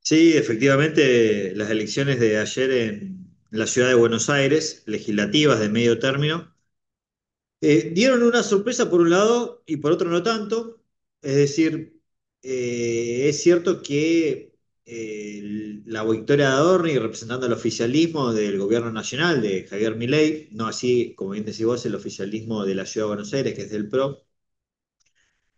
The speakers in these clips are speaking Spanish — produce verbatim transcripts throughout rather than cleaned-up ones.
Sí, efectivamente, las elecciones de ayer en la ciudad de Buenos Aires, legislativas de medio término, eh, dieron una sorpresa por un lado y por otro no tanto. Es decir, eh, es cierto que eh, la victoria de Adorni representando el oficialismo del gobierno nacional de Javier Milei, no así, como bien decís vos, el oficialismo de la ciudad de Buenos Aires, que es del P R O,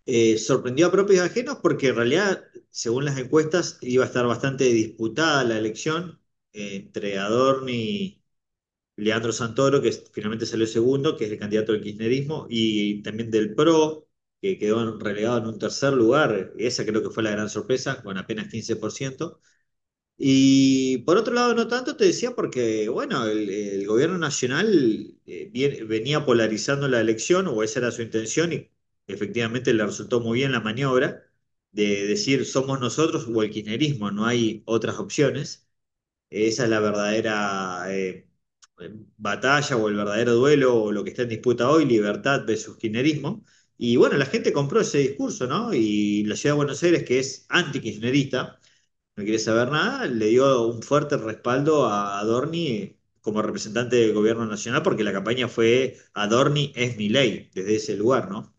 eh, sorprendió a propios y ajenos porque en realidad, según las encuestas, iba a estar bastante disputada la elección eh, entre Adorni y Leandro Santoro, que es- finalmente salió segundo, que es el candidato del kirchnerismo, y también del P R O, que quedó relegado en un tercer lugar. Esa creo que fue la gran sorpresa, con apenas quince por ciento. Y por otro lado, no tanto te decía porque, bueno, el, el gobierno nacional eh, bien- venía polarizando la elección, o esa era su intención, y efectivamente le resultó muy bien la maniobra de decir somos nosotros o el kirchnerismo, no hay otras opciones. Esa es la verdadera eh, batalla o el verdadero duelo o lo que está en disputa hoy, libertad versus kirchnerismo. Y bueno, la gente compró ese discurso, ¿no? Y la ciudad de Buenos Aires, que es anti-kirchnerista, no quiere saber nada, le dio un fuerte respaldo a Adorni como representante del gobierno nacional, porque la campaña fue Adorni es mi ley, desde ese lugar, ¿no?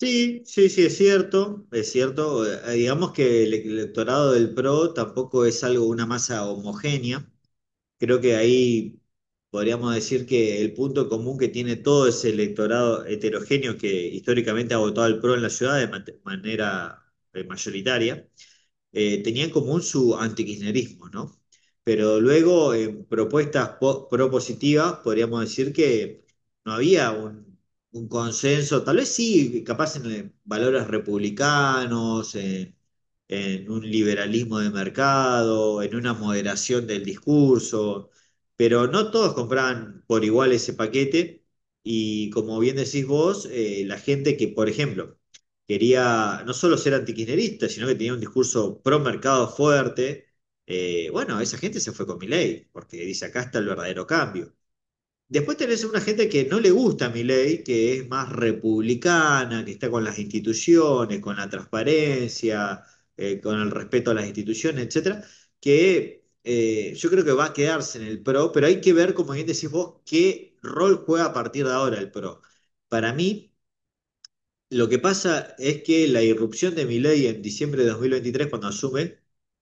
Sí, sí, sí, es cierto, es cierto. Eh, Digamos que el electorado del P R O tampoco es algo, una masa homogénea. Creo que ahí podríamos decir que el punto común que tiene todo ese electorado heterogéneo que históricamente ha votado al P R O en la ciudad de mate- manera eh, mayoritaria eh, tenía en común su antikirchnerismo, ¿no? Pero luego, en propuestas po- propositivas, podríamos decir que no había un, un consenso, tal vez sí, capaz en eh, valores republicanos, en, en un liberalismo de mercado, en una moderación del discurso, pero no todos compraban por igual ese paquete. Y como bien decís vos, eh, la gente que, por ejemplo, quería no solo ser antikirchnerista, sino que tenía un discurso pro mercado fuerte. Eh, bueno, esa gente se fue con Milei, porque dice, acá está el verdadero cambio. Después tenés una gente que no le gusta Milei, que es más republicana, que está con las instituciones, con la transparencia, eh, con el respeto a las instituciones, etcétera, que eh, yo creo que va a quedarse en el P R O, pero hay que ver, como bien decís vos, qué rol juega a partir de ahora el P R O. Para mí, lo que pasa es que la irrupción de Milei en diciembre de dos mil veintitrés, cuando asume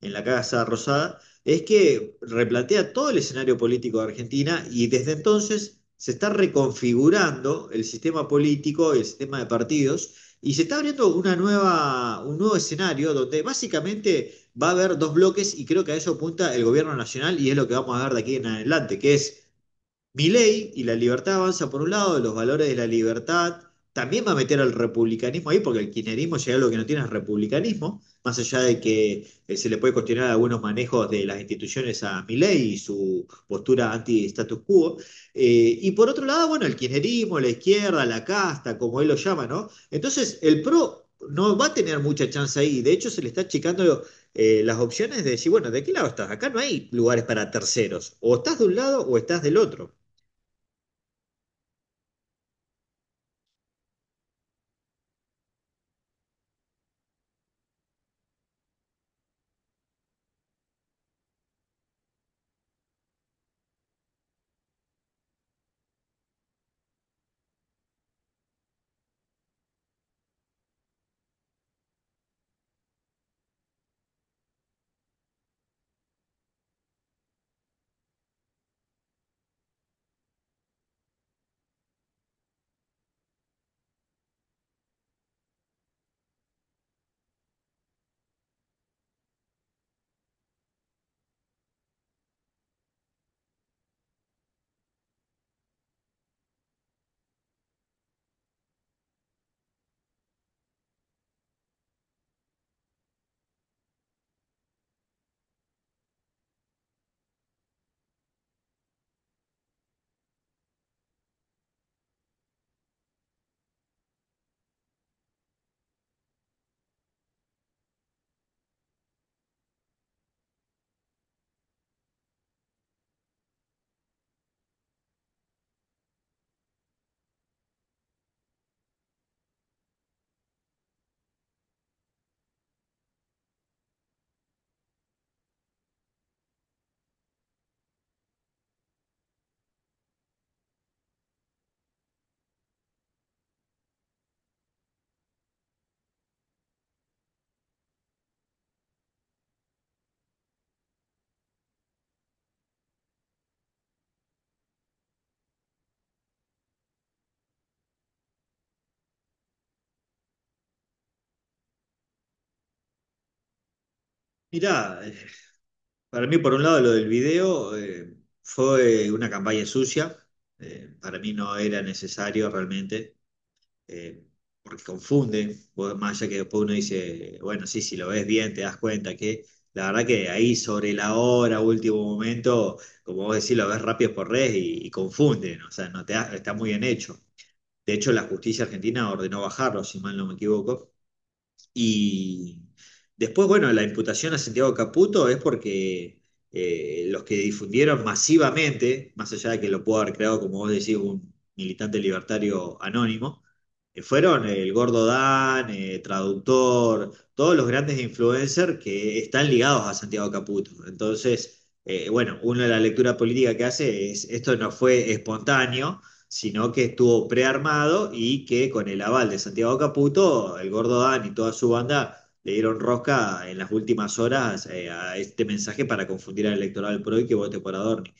en la Casa Rosada, es que replantea todo el escenario político de Argentina y desde entonces se está reconfigurando el sistema político, el sistema de partidos, y se está abriendo una nueva, un nuevo escenario donde básicamente va a haber dos bloques y creo que a eso apunta el gobierno nacional y es lo que vamos a ver de aquí en adelante, que es Milei y la Libertad Avanza por un lado, los valores de la libertad, también va a meter al republicanismo ahí, porque el kirchnerismo llega a lo que no tiene es republicanismo, más allá de que eh, se le puede cuestionar algunos manejos de las instituciones a Milei y su postura anti-status quo. Eh, y por otro lado, bueno, el kirchnerismo, la izquierda, la casta, como él lo llama, ¿no? Entonces, el P R O no va a tener mucha chance ahí, de hecho se le está achicando eh, las opciones de decir, bueno, ¿de qué lado estás? Acá no hay lugares para terceros, o estás de un lado o estás del otro. Mirá, eh, para mí por un lado lo del video eh, fue una campaña sucia, eh, para mí no era necesario realmente, eh, porque confunde, vos- más allá que después uno dice, bueno, sí, si lo ves bien te das cuenta que la verdad que ahí sobre la hora, último momento, como vos decís, lo ves rápido por red y, y confunde, ¿no? O sea, no te da- está muy bien hecho. De hecho, la justicia argentina ordenó bajarlo, si mal no me equivoco, y después, bueno, la imputación a Santiago Caputo es porque eh, los que difundieron masivamente, más allá de que lo pudo haber creado, como vos decís, un militante libertario anónimo, eh, fueron el Gordo Dan, eh, Traductor, todos los grandes influencers que están ligados a Santiago Caputo. Entonces, eh, bueno, una de la lectura política que hace es, esto no fue espontáneo sino que estuvo prearmado y que con el aval de Santiago Caputo, el gordo Dan y toda su banda le dieron rosca en las últimas horas eh, a este mensaje para confundir al electorado del P R O y que vote por Adorni.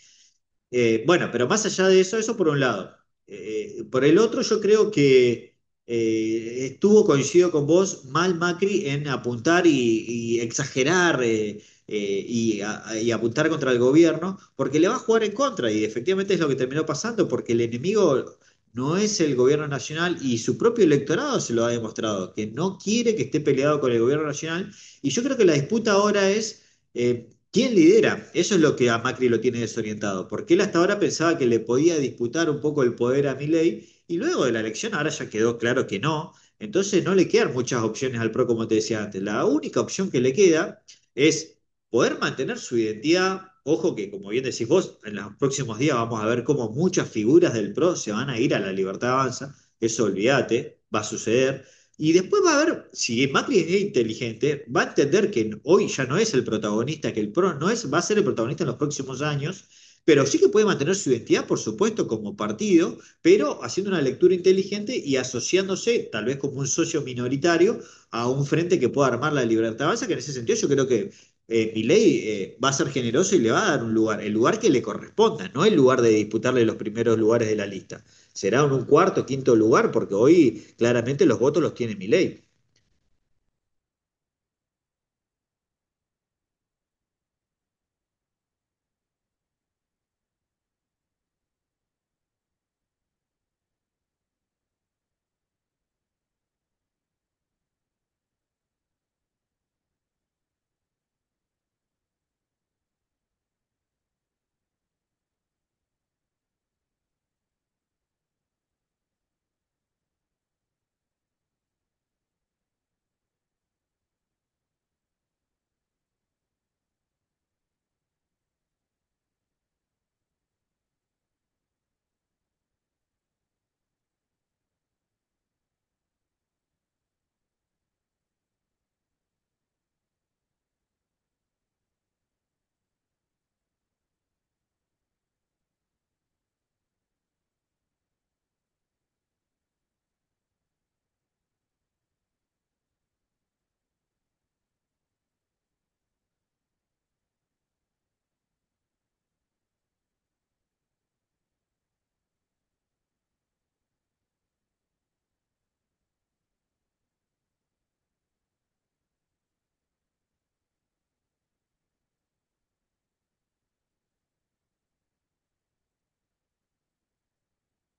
Eh, bueno, pero más allá de eso, eso por un lado. Eh, por el otro, yo creo que eh, estuvo, coincido con vos, mal Macri en apuntar y, y exagerar eh, eh, y, a- y apuntar contra el gobierno, porque le va a jugar en contra y efectivamente es lo que terminó pasando, porque el enemigo no es el gobierno nacional y su propio electorado se lo ha demostrado, que no quiere que esté peleado con el gobierno nacional. Y yo creo que la disputa ahora es... eh, ¿Quién lidera? Eso es lo que a Macri lo tiene desorientado, porque él hasta ahora pensaba que le podía disputar un poco el poder a Milei y luego de la elección ahora ya quedó claro que no, entonces no le quedan muchas opciones al P R O como te decía antes. La única opción que le queda es poder mantener su identidad. Ojo que, como bien decís vos, en los próximos días vamos a ver cómo muchas figuras del P R O se van a ir a la Libertad Avanza, eso olvídate, va a suceder y después va a ver, si Macri es inteligente, va a entender que hoy ya no es el protagonista, que el P R O no es, va a ser el protagonista en los próximos años, pero sí que puede mantener su identidad, por supuesto, como partido, pero haciendo una lectura inteligente y asociándose, tal vez como un socio minoritario, a un frente que pueda armar la libertad básica, que en ese sentido yo creo que eh, Milei eh, va a ser generoso y le va a dar un lugar, el lugar que le corresponda, no el lugar de disputarle los primeros lugares de la lista será en un cuarto, quinto lugar, porque hoy claramente los votos los tiene Milei.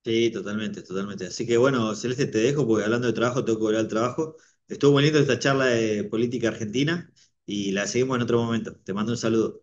Sí, totalmente, totalmente. Así que bueno, Celeste, te dejo porque hablando de trabajo tengo que volver al trabajo. Estuvo muy lindo esta charla de política argentina y la seguimos en otro momento. Te mando un saludo.